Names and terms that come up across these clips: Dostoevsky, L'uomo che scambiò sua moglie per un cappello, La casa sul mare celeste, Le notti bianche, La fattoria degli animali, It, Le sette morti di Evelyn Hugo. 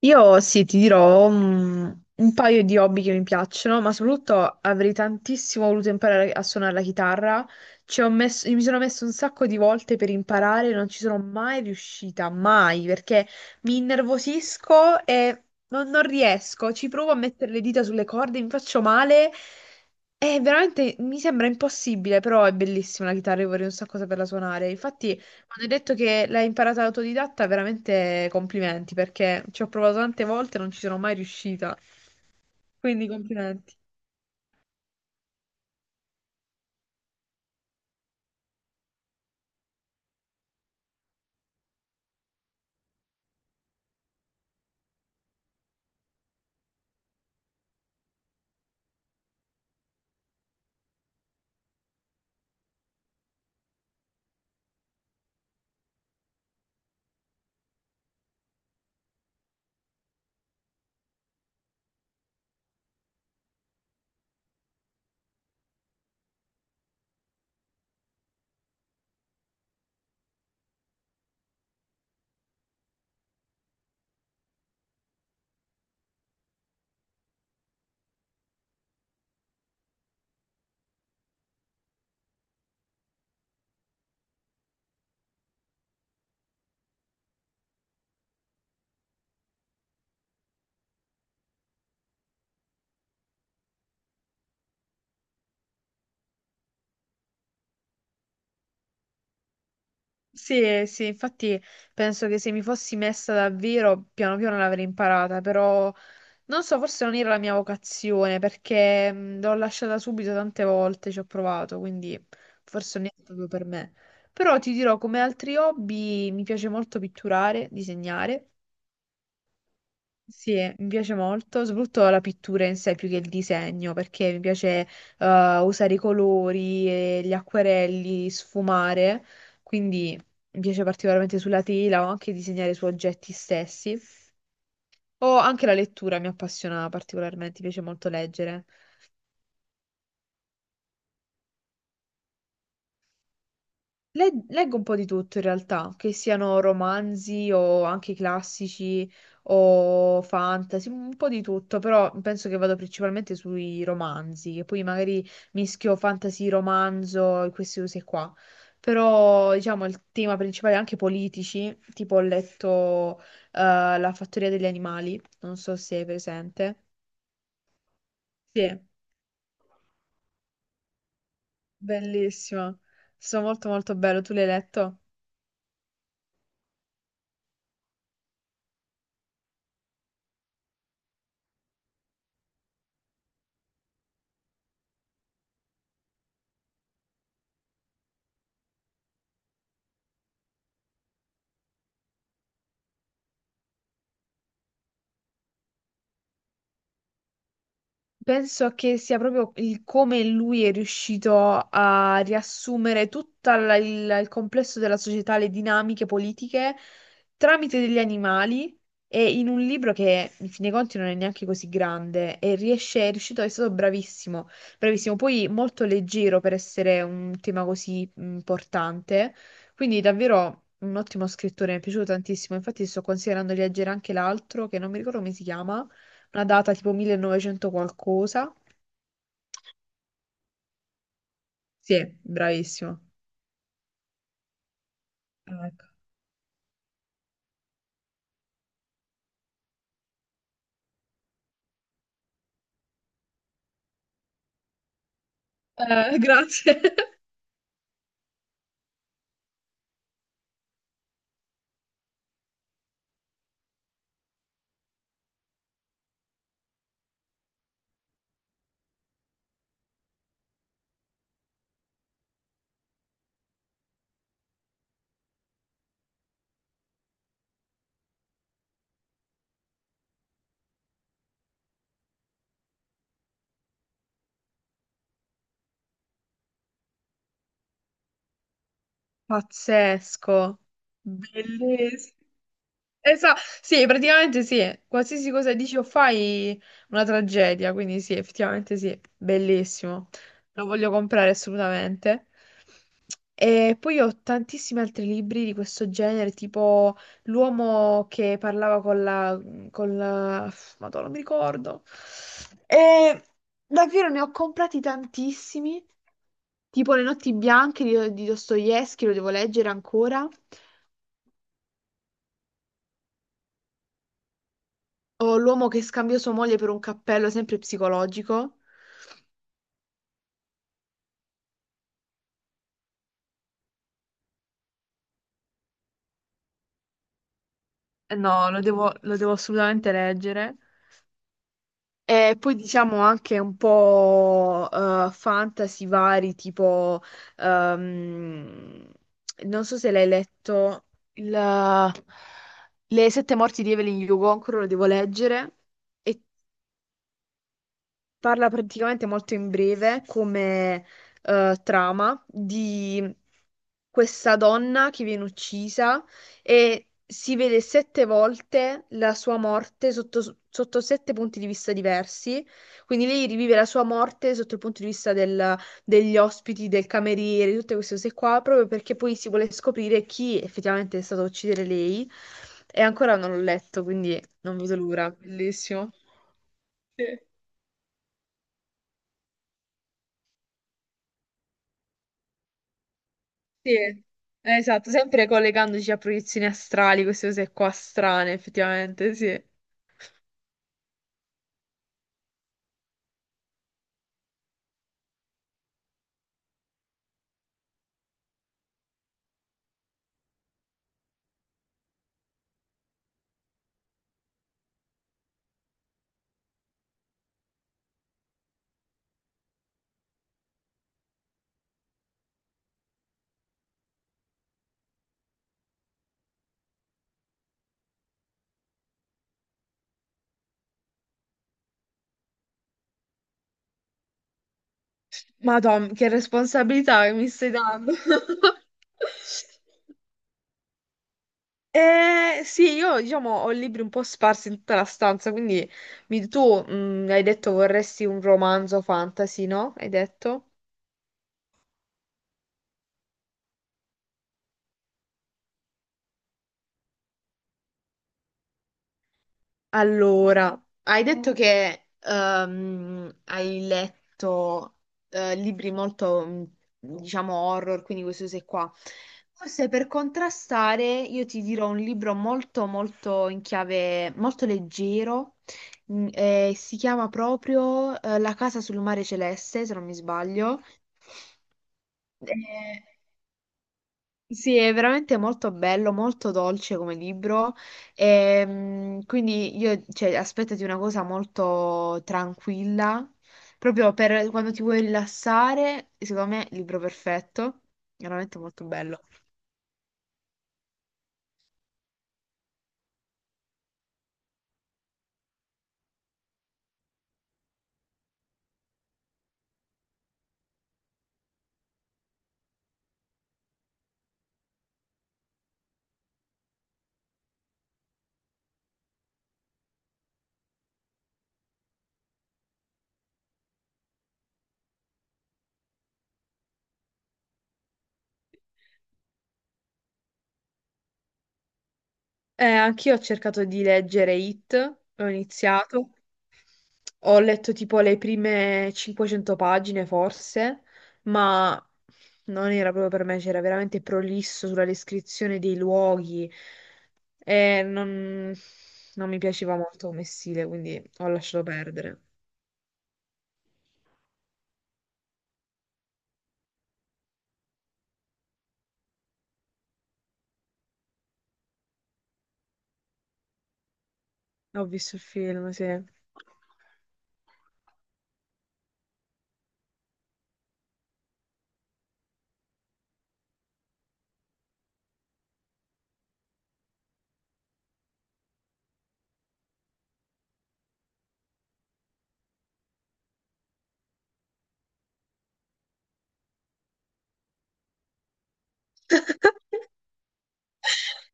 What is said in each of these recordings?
Io sì, ti dirò un paio di hobby che mi piacciono, ma soprattutto avrei tantissimo voluto imparare a suonare la chitarra. Ci ho messo, mi sono messo un sacco di volte per imparare, non ci sono mai riuscita, mai, perché mi innervosisco e non riesco. Ci provo a mettere le dita sulle corde, mi faccio male. È veramente, mi sembra impossibile, però è bellissima la chitarra, io vorrei un sacco saperla suonare. Infatti. Quando hai detto che l'hai imparata autodidatta, veramente complimenti, perché ci ho provato tante volte e non ci sono mai riuscita. Quindi complimenti. Sì, sì, infatti penso che se mi fossi messa davvero, piano piano l'avrei imparata, però non so, forse non era la mia vocazione, perché l'ho lasciata subito tante volte, ci ho provato, quindi forse non è proprio per me. Però ti dirò, come altri hobby, mi piace molto pitturare, disegnare. Sì, mi piace molto, soprattutto la pittura in sé più che il disegno, perché mi piace usare i colori, e gli acquerelli, sfumare, quindi mi piace particolarmente sulla tela o anche disegnare su oggetti stessi. O anche la lettura mi appassiona particolarmente, mi piace molto leggere. Leggo un po' di tutto in realtà, che siano romanzi o anche classici o fantasy, un po' di tutto, però penso che vado principalmente sui romanzi, che poi magari mischio fantasy, romanzo e queste cose qua. Però diciamo il tema principale è anche politici, tipo ho letto La fattoria degli animali, non so se è presente. Sì, bellissimo, sto molto molto bello, tu l'hai letto? Penso che sia proprio il come lui è riuscito a riassumere tutto il complesso della società, le dinamiche politiche tramite degli animali e in un libro che, in fin dei conti, non è neanche così grande e riesce, è riuscito, è stato bravissimo, bravissimo. Poi molto leggero per essere un tema così importante, quindi davvero un ottimo scrittore, mi è piaciuto tantissimo. Infatti sto considerando di leggere anche l'altro, che non mi ricordo come si chiama, una data tipo 1900 qualcosa. Sì, bravissimo. Ah, ecco. Grazie. Pazzesco. Bellissimo. Esatto, sì, praticamente sì. Qualsiasi cosa dici o fai, una tragedia. Quindi sì, effettivamente sì, bellissimo. Lo voglio comprare assolutamente. E poi ho tantissimi altri libri di questo genere, tipo L'uomo che parlava con la... Madonna, non mi ricordo. E davvero ne ho comprati tantissimi, tipo Le notti bianche di Dostoevsky, lo devo leggere ancora. O l'uomo che scambiò sua moglie per un cappello, sempre psicologico. Eh no, lo devo assolutamente leggere. E poi diciamo anche un po' fantasy vari, tipo, ehm, non so se l'hai letto, il- Le sette morti di Evelyn Hugo, ancora lo devo leggere. E parla praticamente molto in breve come trama di questa donna che viene uccisa e si vede sette volte la sua morte sotto, sotto sette punti di vista diversi. Quindi lei rivive la sua morte sotto il punto di vista degli ospiti, del cameriere, tutte queste cose qua, proprio perché poi si vuole scoprire chi effettivamente è stato a uccidere lei. E ancora non l'ho letto, quindi non vedo l'ora. Bellissimo. Sì. Sì, esatto, sempre collegandoci a proiezioni astrali, queste cose qua strane, effettivamente, sì. Ma Tom, che responsabilità che mi stai dando. Sì, io diciamo ho libri un po' sparsi in tutta la stanza, quindi tu hai detto vorresti un romanzo fantasy, no? Hai detto? Allora, hai detto che hai letto libri molto, diciamo, horror, quindi questo sei qua. Forse per contrastare io ti dirò un libro molto, molto in chiave, molto leggero, si chiama proprio La casa sul mare celeste, se non mi sbaglio. Eh, sì, è veramente molto bello, molto dolce come libro. Quindi io, cioè, aspettati una cosa molto tranquilla, proprio per quando ti vuoi rilassare, secondo me, libro perfetto, veramente molto bello. Anch'io ho cercato di leggere It, ho iniziato. Ho letto tipo le prime 500 pagine forse, ma non era proprio per me, c'era veramente prolisso sulla descrizione dei luoghi e non mi piaceva molto come stile, quindi ho lasciato perdere. Ho visto il film, sì.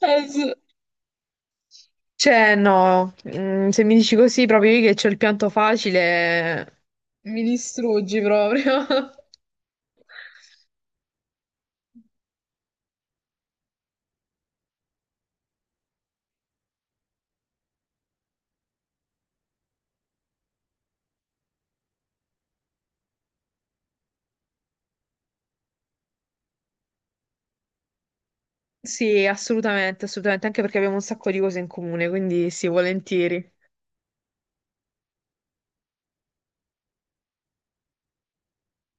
Sì. Cioè, no, se mi dici così proprio io che c'ho il pianto facile, mi distruggi proprio. Sì, assolutamente, assolutamente, anche perché abbiamo un sacco di cose in comune, quindi sì, volentieri.